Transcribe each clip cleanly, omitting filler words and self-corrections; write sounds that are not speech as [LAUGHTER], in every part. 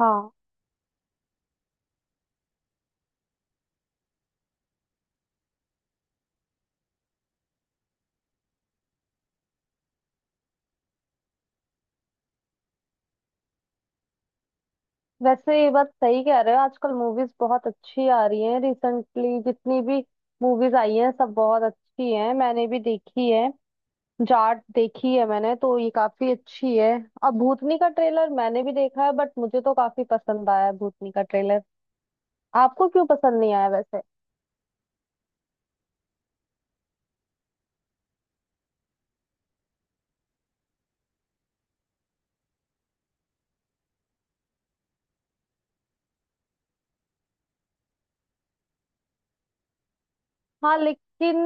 हाँ, वैसे ये बात सही कह रहे हो। आजकल मूवीज बहुत अच्छी आ रही हैं। रिसेंटली जितनी भी मूवीज आई हैं सब बहुत अच्छी हैं, मैंने भी देखी है। जाट देखी है मैंने, तो ये काफी अच्छी है। अब भूतनी का ट्रेलर मैंने भी देखा है, बट मुझे तो काफी पसंद आया है भूतनी का ट्रेलर। आपको क्यों पसंद नहीं आया वैसे? हाँ, लेकिन।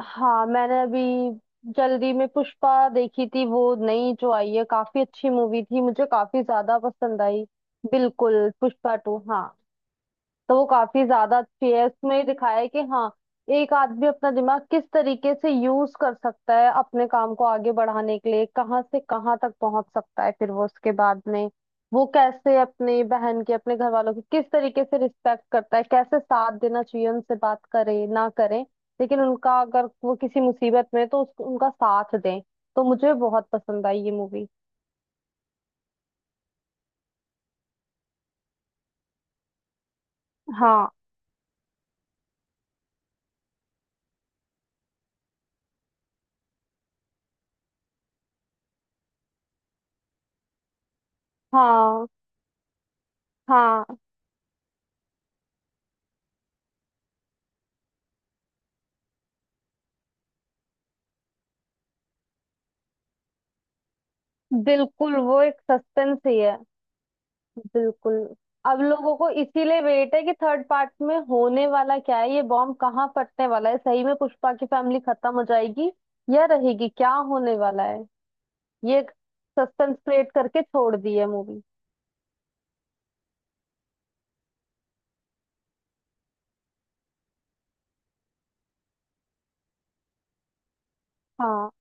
हाँ, मैंने अभी जल्दी में पुष्पा देखी थी, वो नई जो आई है, काफी अच्छी मूवी थी, मुझे काफी ज्यादा पसंद आई। बिल्कुल, पुष्पा टू, हाँ। तो वो काफी ज्यादा अच्छी है। उसमें दिखाया है कि हाँ, एक आदमी अपना दिमाग किस तरीके से यूज कर सकता है अपने काम को आगे बढ़ाने के लिए, कहाँ से कहाँ तक पहुंच सकता है, फिर वो उसके बाद में वो कैसे अपनी बहन की अपने घर वालों की किस तरीके से रिस्पेक्ट करता है, कैसे साथ देना चाहिए, उनसे बात करे ना करे लेकिन उनका अगर वो किसी मुसीबत में है, तो उसको उनका साथ दें। तो मुझे बहुत पसंद आई ये मूवी। हाँ, हाँ। हाँ, बिल्कुल वो एक सस्पेंस ही है। बिल्कुल। अब लोगों को इसीलिए वेट है कि थर्ड पार्ट में होने वाला क्या है, ये बॉम्ब कहाँ फटने वाला है, सही में पुष्पा की फैमिली खत्म हो जाएगी या रहेगी, क्या होने वाला है। ये सस्पेंस क्रिएट करके छोड़ दी है मूवी। हाँ।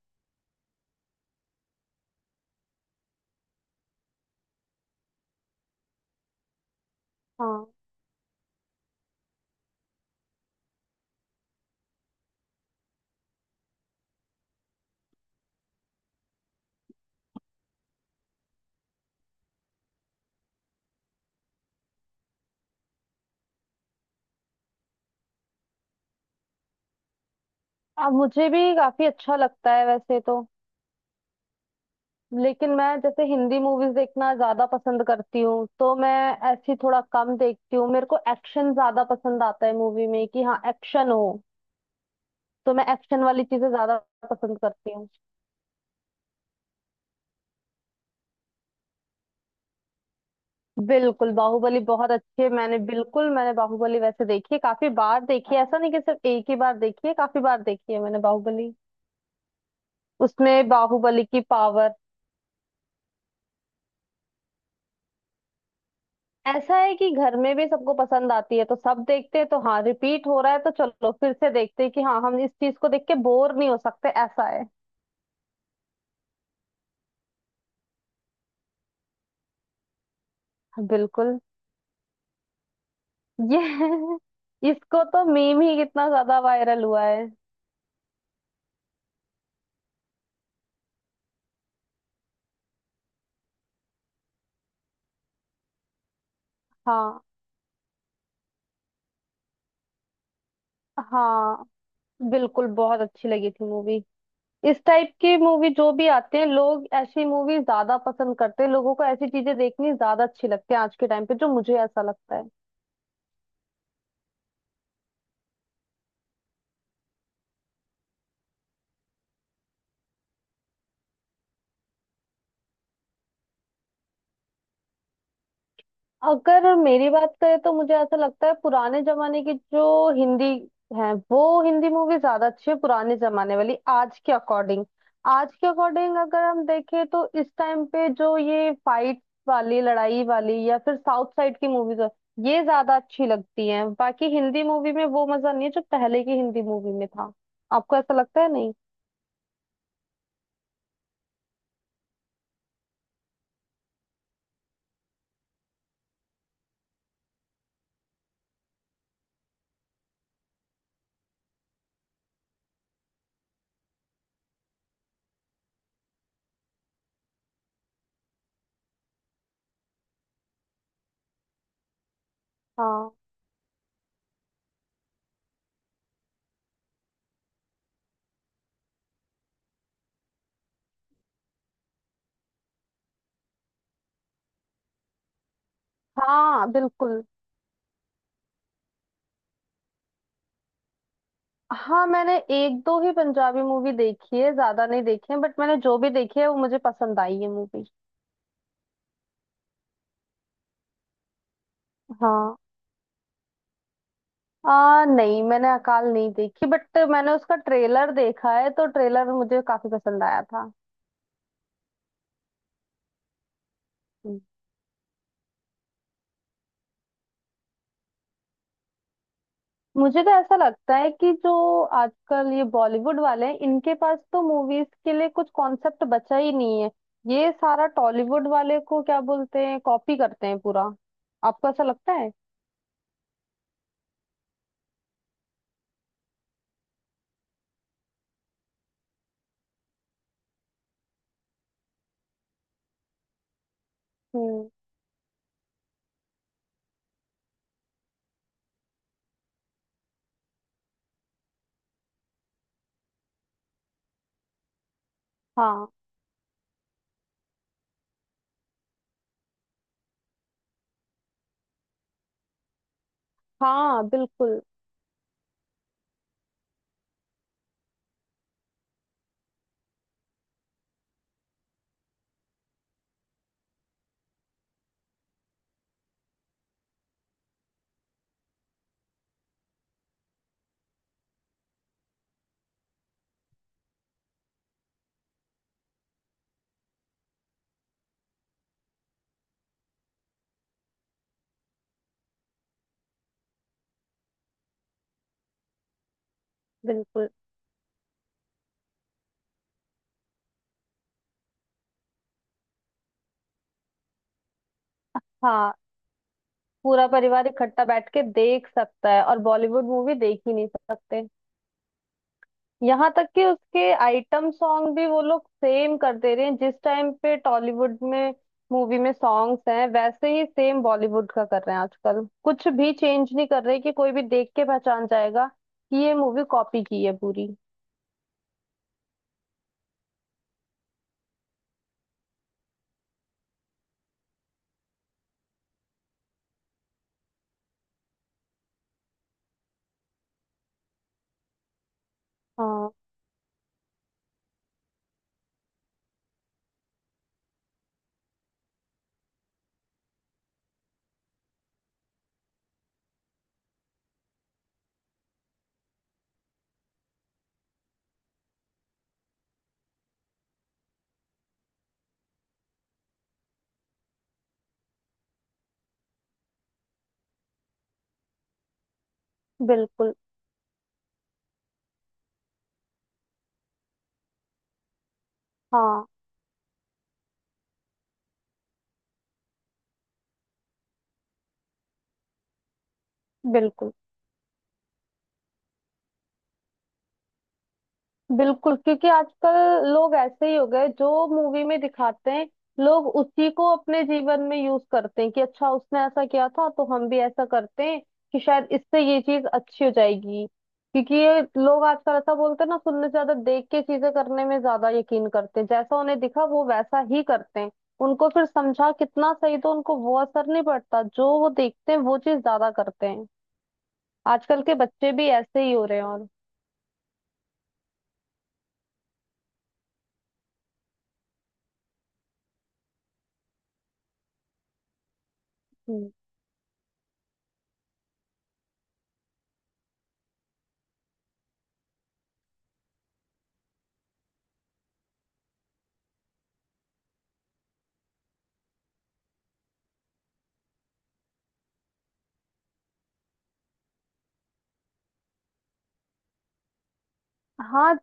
हाँ, अब मुझे भी काफी अच्छा लगता है वैसे तो, लेकिन मैं जैसे हिंदी मूवीज देखना ज्यादा पसंद करती हूँ तो मैं ऐसी थोड़ा कम देखती हूँ। मेरे को एक्शन ज्यादा पसंद आता है मूवी में, कि हाँ, एक्शन हो, तो मैं एक्शन वाली चीजें ज्यादा पसंद करती हूँ। बिल्कुल बाहुबली बहुत अच्छी है मैंने, बिल्कुल मैंने बाहुबली वैसे देखी है, काफी बार देखी है। ऐसा नहीं कि सिर्फ एक ही बार देखी है, काफी बार देखी है मैंने बाहुबली। उसमें बाहुबली की पावर। ऐसा है कि घर में भी सबको पसंद आती है तो सब देखते हैं, तो हाँ, रिपीट हो रहा है तो चलो फिर से देखते हैं, कि हाँ, हम इस चीज को देख के बोर नहीं हो सकते, ऐसा है। बिल्कुल। ये [LAUGHS] इसको तो मीम ही कितना ज्यादा वायरल हुआ है। हाँ। हाँ, बिल्कुल बहुत अच्छी लगी थी मूवी। इस टाइप की मूवी जो भी आते हैं, लोग ऐसी मूवी ज्यादा पसंद करते हैं, लोगों को ऐसी चीजें देखनी ज्यादा अच्छी लगती है आज के टाइम पे, जो मुझे ऐसा लगता है। अगर मेरी बात करें तो मुझे ऐसा लगता है पुराने जमाने की जो हिंदी है वो हिंदी मूवी ज्यादा अच्छी है, पुराने जमाने वाली। आज के अकॉर्डिंग अगर हम देखें तो इस टाइम पे जो ये फाइट वाली, लड़ाई वाली, या फिर साउथ साइड की मूवीज है, ये ज्यादा अच्छी लगती हैं। बाकी हिंदी मूवी में वो मजा नहीं है जो पहले की हिंदी मूवी में था। आपको ऐसा लगता है, नहीं? हाँ। हाँ, बिल्कुल। हाँ, मैंने एक दो ही पंजाबी मूवी देखी है, ज्यादा नहीं देखी है, बट मैंने जो भी देखी है वो मुझे पसंद आई है मूवी। हाँ। नहीं मैंने अकाल नहीं देखी, बट मैंने उसका ट्रेलर देखा है, तो ट्रेलर मुझे काफी पसंद आया था। हम्म। मुझे तो ऐसा लगता है कि जो आजकल ये बॉलीवुड वाले हैं, इनके पास तो मूवीज के लिए कुछ कॉन्सेप्ट बचा ही नहीं है। ये सारा टॉलीवुड वाले को, क्या बोलते हैं, कॉपी करते हैं पूरा। आपको ऐसा लगता है? हम्म। हाँ, हाँ, बिल्कुल, बिल्कुल। हाँ, पूरा परिवार इकट्ठा बैठ के देख सकता है और बॉलीवुड मूवी देख ही नहीं सकते। यहाँ तक कि उसके आइटम सॉन्ग भी वो लोग सेम कर दे रहे हैं। जिस टाइम पे टॉलीवुड में मूवी में सॉन्ग्स हैं वैसे ही सेम बॉलीवुड का कर रहे हैं आजकल, कुछ भी चेंज नहीं कर रहे, कि कोई भी देख के पहचान जाएगा कि ये मूवी कॉपी की है पूरी। हाँ, बिल्कुल। हाँ, बिल्कुल, बिल्कुल। क्योंकि आजकल लोग ऐसे ही हो गए, जो मूवी में दिखाते हैं लोग उसी को अपने जीवन में यूज करते हैं, कि अच्छा उसने ऐसा किया था तो हम भी ऐसा करते हैं, कि शायद इससे ये चीज अच्छी हो जाएगी। क्योंकि ये लोग आजकल ऐसा बोलते हैं ना, सुनने से ज्यादा देख के चीजें करने में ज्यादा यकीन करते हैं, जैसा उन्हें दिखा वो वैसा ही करते हैं। उनको फिर समझा कितना सही, तो उनको वो असर नहीं पड़ता, जो वो देखते हैं वो चीज ज्यादा करते हैं। आजकल के बच्चे भी ऐसे ही हो रहे हैं और। हम्म। हाँ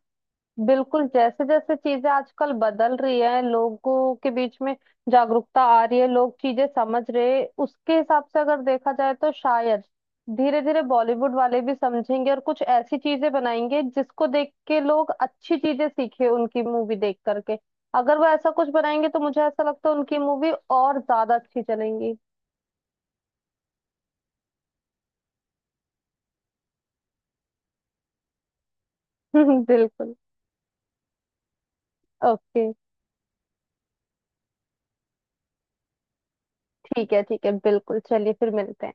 बिल्कुल, जैसे जैसे चीजें आजकल बदल रही है, लोगों के बीच में जागरूकता आ रही है, लोग चीजें समझ रहे हैं, उसके हिसाब से अगर देखा जाए तो शायद धीरे धीरे बॉलीवुड वाले भी समझेंगे और कुछ ऐसी चीजें बनाएंगे जिसको देख के लोग अच्छी चीजें सीखे उनकी मूवी देख करके। अगर वो ऐसा कुछ बनाएंगे तो मुझे ऐसा लगता है उनकी मूवी और ज्यादा अच्छी चलेंगी। [LAUGHS] बिल्कुल। ओके। ठीक है, ठीक है, बिल्कुल, चलिए फिर मिलते हैं।